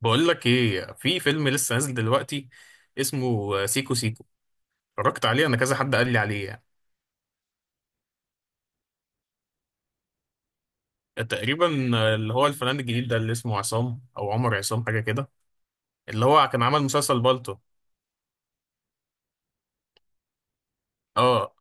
بقول لك ايه، في فيلم لسه نازل دلوقتي اسمه سيكو سيكو. اتفرجت عليه انا، كذا حد قال لي عليه يعني. تقريبا اللي هو الفنان الجديد ده اللي اسمه عصام او عمر عصام حاجه كده، اللي هو كان عمل مسلسل بالطو. اه.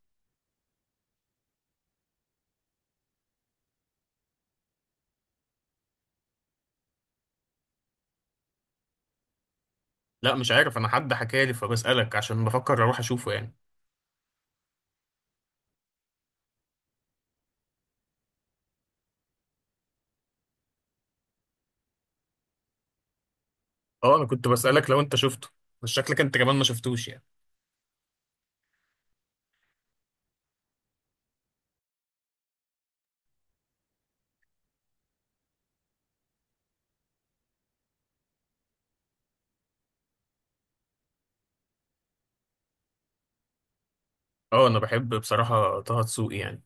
لا مش عارف، انا حد حكى لي فبسالك عشان بفكر اروح اشوفه يعني. اه انا كنت بسالك لو انت شفته، بس شكلك انت كمان ما شفتوش يعني. اه انا بحب بصراحه طه دسوقي يعني.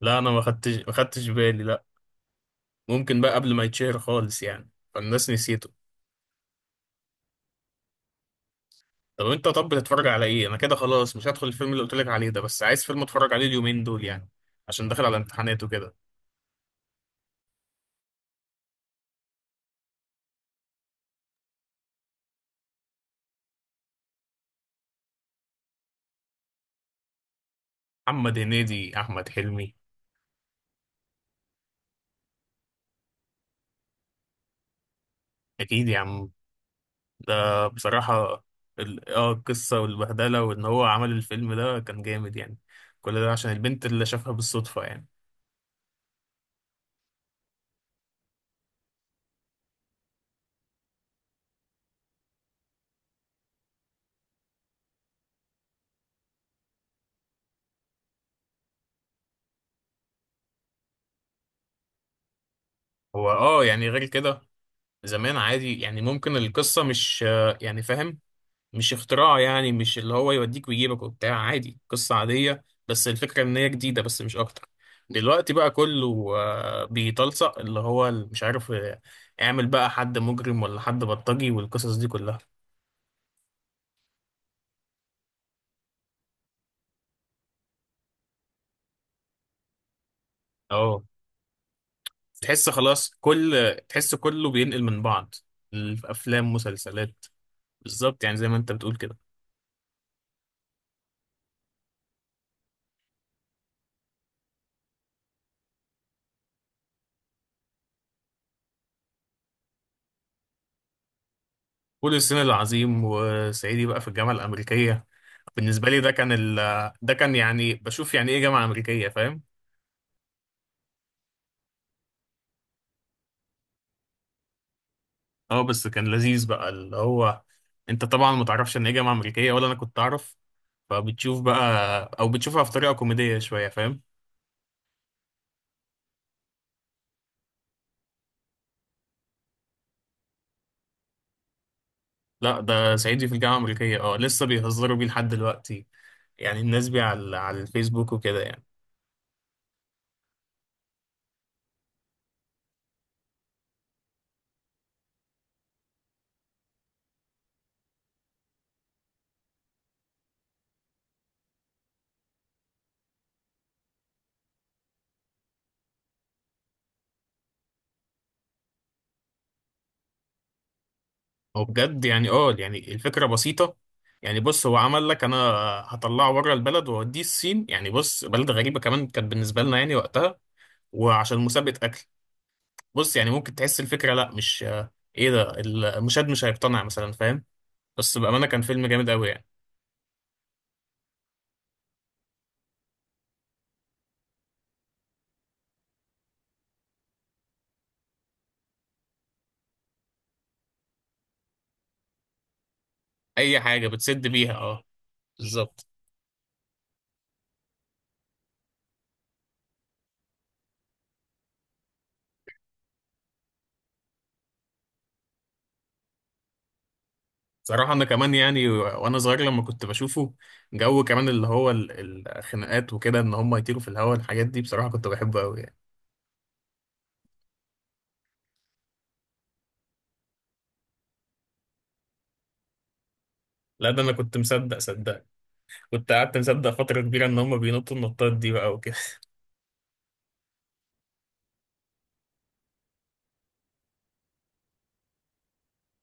لا انا ما خدتش بالي، لا. ممكن بقى قبل ما يتشهر خالص يعني، فالناس نسيته. طب انت، طب بتتفرج على ايه؟ انا كده خلاص مش هدخل الفيلم اللي قلت لك عليه ده، بس عايز فيلم اتفرج عليه اليومين دول يعني، عشان داخل على امتحانات وكده. محمد هنيدي، احمد حلمي. اكيد يا عم. ده بصراحة القصة والبهدلة، وان هو عمل الفيلم ده كان جامد يعني. كل ده عشان البنت اللي شافها بالصدفة يعني. هو اه يعني غير كده، زمان عادي يعني ممكن القصة مش يعني فاهم، مش اختراع يعني، مش اللي هو يوديك ويجيبك وبتاع. عادي، قصة عادية، بس الفكرة ان هي جديدة بس مش اكتر. دلوقتي بقى كله بيتلصق، اللي هو مش عارف. اعمل بقى حد مجرم ولا حد بلطجي والقصص دي كلها. اه. تحس خلاص كل، تحس كله بينقل من بعض، الافلام، مسلسلات. بالظبط يعني، زي ما انت بتقول كده. فول الصين العظيم، وصعيدي بقى في الجامعة الأمريكية. بالنسبة لي ده كان ده كان يعني بشوف يعني ايه جامعة أمريكية، فاهم؟ اه، بس كان لذيذ بقى، اللي هو انت طبعا ما تعرفش ان هي جامعه امريكيه، ولا انا كنت اعرف. فبتشوف بقى، او بتشوفها في طريقه كوميديه شويه، فاهم؟ لا ده صعيدي في الجامعه الامريكيه، اه لسه بيهزروا بيه لحد دلوقتي يعني، الناس بيه على الفيسبوك وكده يعني. هو بجد يعني، اه يعني الفكره بسيطه يعني. بص، هو عمل لك: انا هطلعه بره البلد واوديه الصين يعني، بص بلد غريبه كمان كانت بالنسبه لنا يعني وقتها، وعشان مسابقه اكل. بص يعني ممكن تحس الفكرة لا مش، ايه ده، المشاهد مش هيقتنع مثلا، فاهم؟ بس بأمانة كان فيلم جامد قوي يعني. اي حاجة بتسد بيها، اه. بالظبط. صراحة انا كمان يعني وانا صغير لما كنت بشوفه، جو كمان اللي هو الخناقات وكده، ان هم يطيروا في الهواء، الحاجات دي بصراحة كنت بحبه قوي يعني. لا ده انا كنت مصدق صدق، كنت قعدت مصدق فترة كبيرة ان هم بينطوا النطات دي بقى وكده.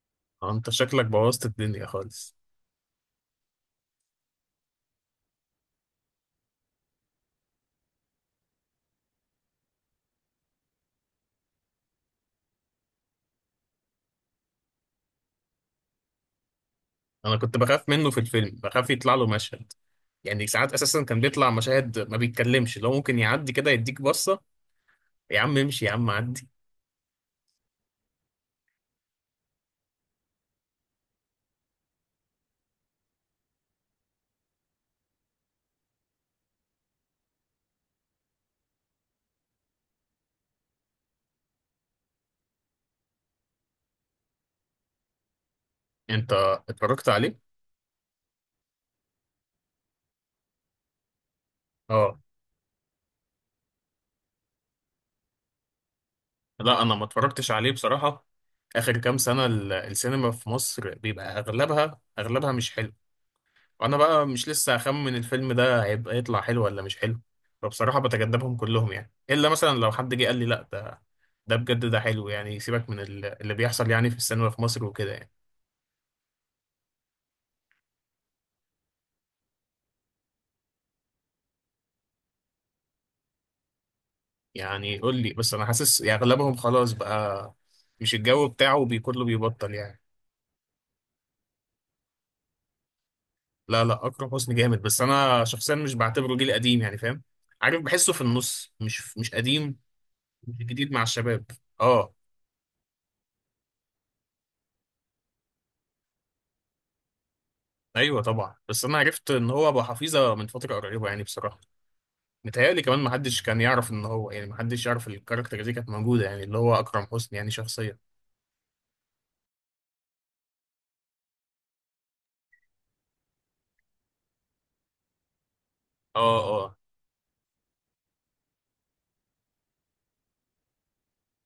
انت شكلك بوظت الدنيا خالص. انا كنت بخاف منه في الفيلم، بخاف يطلع له مشهد يعني. ساعات اساسا كان بيطلع مشاهد ما بيتكلمش، لو ممكن يعدي كده يديك بصة. يا عم امشي، يا عم عدي. انت اتفرجت عليه؟ اه. لا انا ما اتفرجتش عليه بصراحة. اخر كام سنة السينما في مصر بيبقى اغلبها مش حلو، وانا بقى مش لسه اخمن الفيلم ده هيبقى يطلع حلو ولا مش حلو. فبصراحة بتجنبهم كلهم يعني، الا مثلا لو حد جه قال لي: لا ده، ده بجد ده حلو يعني. سيبك من اللي بيحصل يعني في السينما في مصر وكده يعني. يعني قول لي، بس انا حاسس يعني اغلبهم خلاص بقى، مش الجو بتاعه كله بيبطل يعني. لا لا، اكرم حسني جامد، بس انا شخصيا مش بعتبره جيل قديم يعني، فاهم؟ عارف بحسه في النص، مش قديم، مش جديد مع الشباب. اه. ايوه طبعا، بس انا عرفت ان هو ابو حفيظه من فتره قريبه يعني بصراحه. متهيألي كمان ما حدش كان يعرف ان هو يعني، ما حدش يعرف الكاركتر دي كانت موجوده يعني، اللي هو اكرم حسني يعني شخصيا. اه اه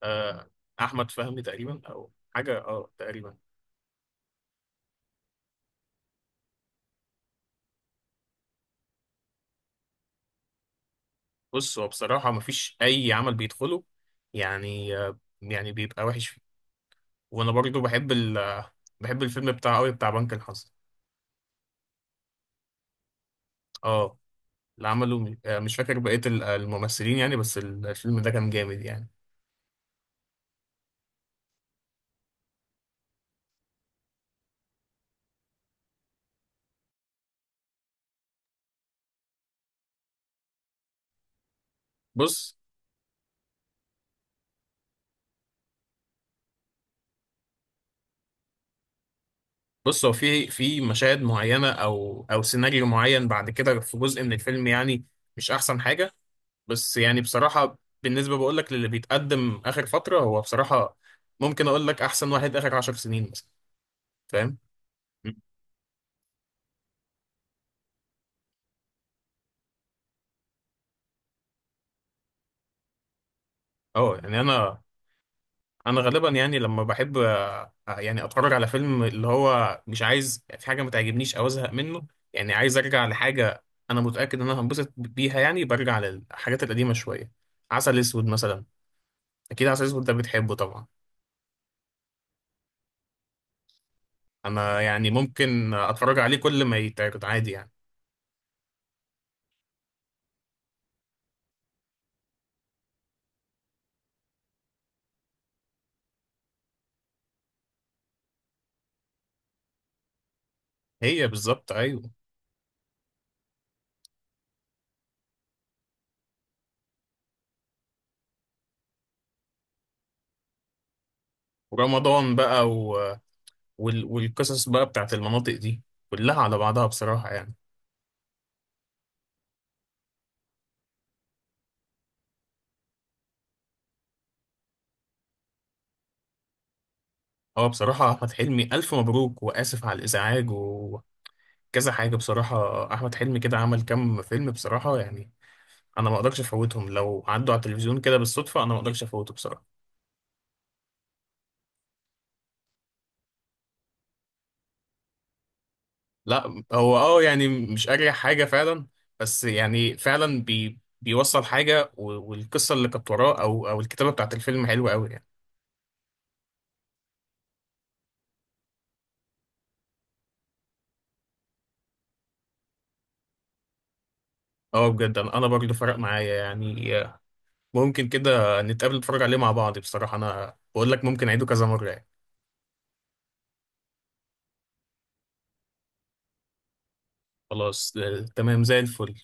آه، احمد فهمي تقريبا، او حاجه اه تقريبا. بص هو بصراحة مفيش أي عمل بيدخله يعني، يعني بيبقى وحش فيه. وأنا برضو بحب الفيلم بتاع أوي، بتاع بنك الحظ. اه. اللي عمله مش فاكر بقية الممثلين يعني، بس الفيلم ده كان جامد يعني. بص، بص هو في مشاهد معينة أو سيناريو معين بعد كده في جزء من الفيلم يعني، مش أحسن حاجة. بس يعني بصراحة بالنسبة بقولك للي بيتقدم آخر فترة، هو بصراحة ممكن أقولك أحسن واحد آخر 10 سنين مثلا. فاهم؟ اه يعني انا غالبا يعني لما بحب يعني اتفرج على فيلم، اللي هو مش عايز في حاجه ما تعجبنيش او ازهق منه يعني. عايز ارجع لحاجه انا متاكد ان انا هنبسط بيها يعني، برجع للحاجات القديمه شويه. عسل اسود مثلا. اكيد عسل اسود ده بتحبه طبعا. انا يعني ممكن اتفرج عليه كل ما يتعرض عادي يعني. هي بالظبط، ايوه. ورمضان بقى والقصص بقى بتاعت المناطق دي كلها على بعضها بصراحه يعني. هو بصراحة أحمد حلمي، ألف مبروك وآسف على الإزعاج، كذا حاجة بصراحة. أحمد حلمي كده عمل كام فيلم بصراحة يعني، أنا ما أقدرش أفوتهم، لو عدوا على التلفزيون كده بالصدفة أنا ما أقدرش أفوته بصراحة. لا هو أه يعني مش أريح حاجة فعلا، بس يعني فعلا بيوصل حاجة، والقصة اللي كانت وراه أو الكتابة بتاعت الفيلم حلوة أوي يعني. أه بجد، أنا برضه فرق معايا يعني. ممكن كده نتقابل نتفرج عليه مع بعض. بصراحة أنا بقول لك ممكن أعيده كذا مرة يعني. خلاص تمام زي الفل.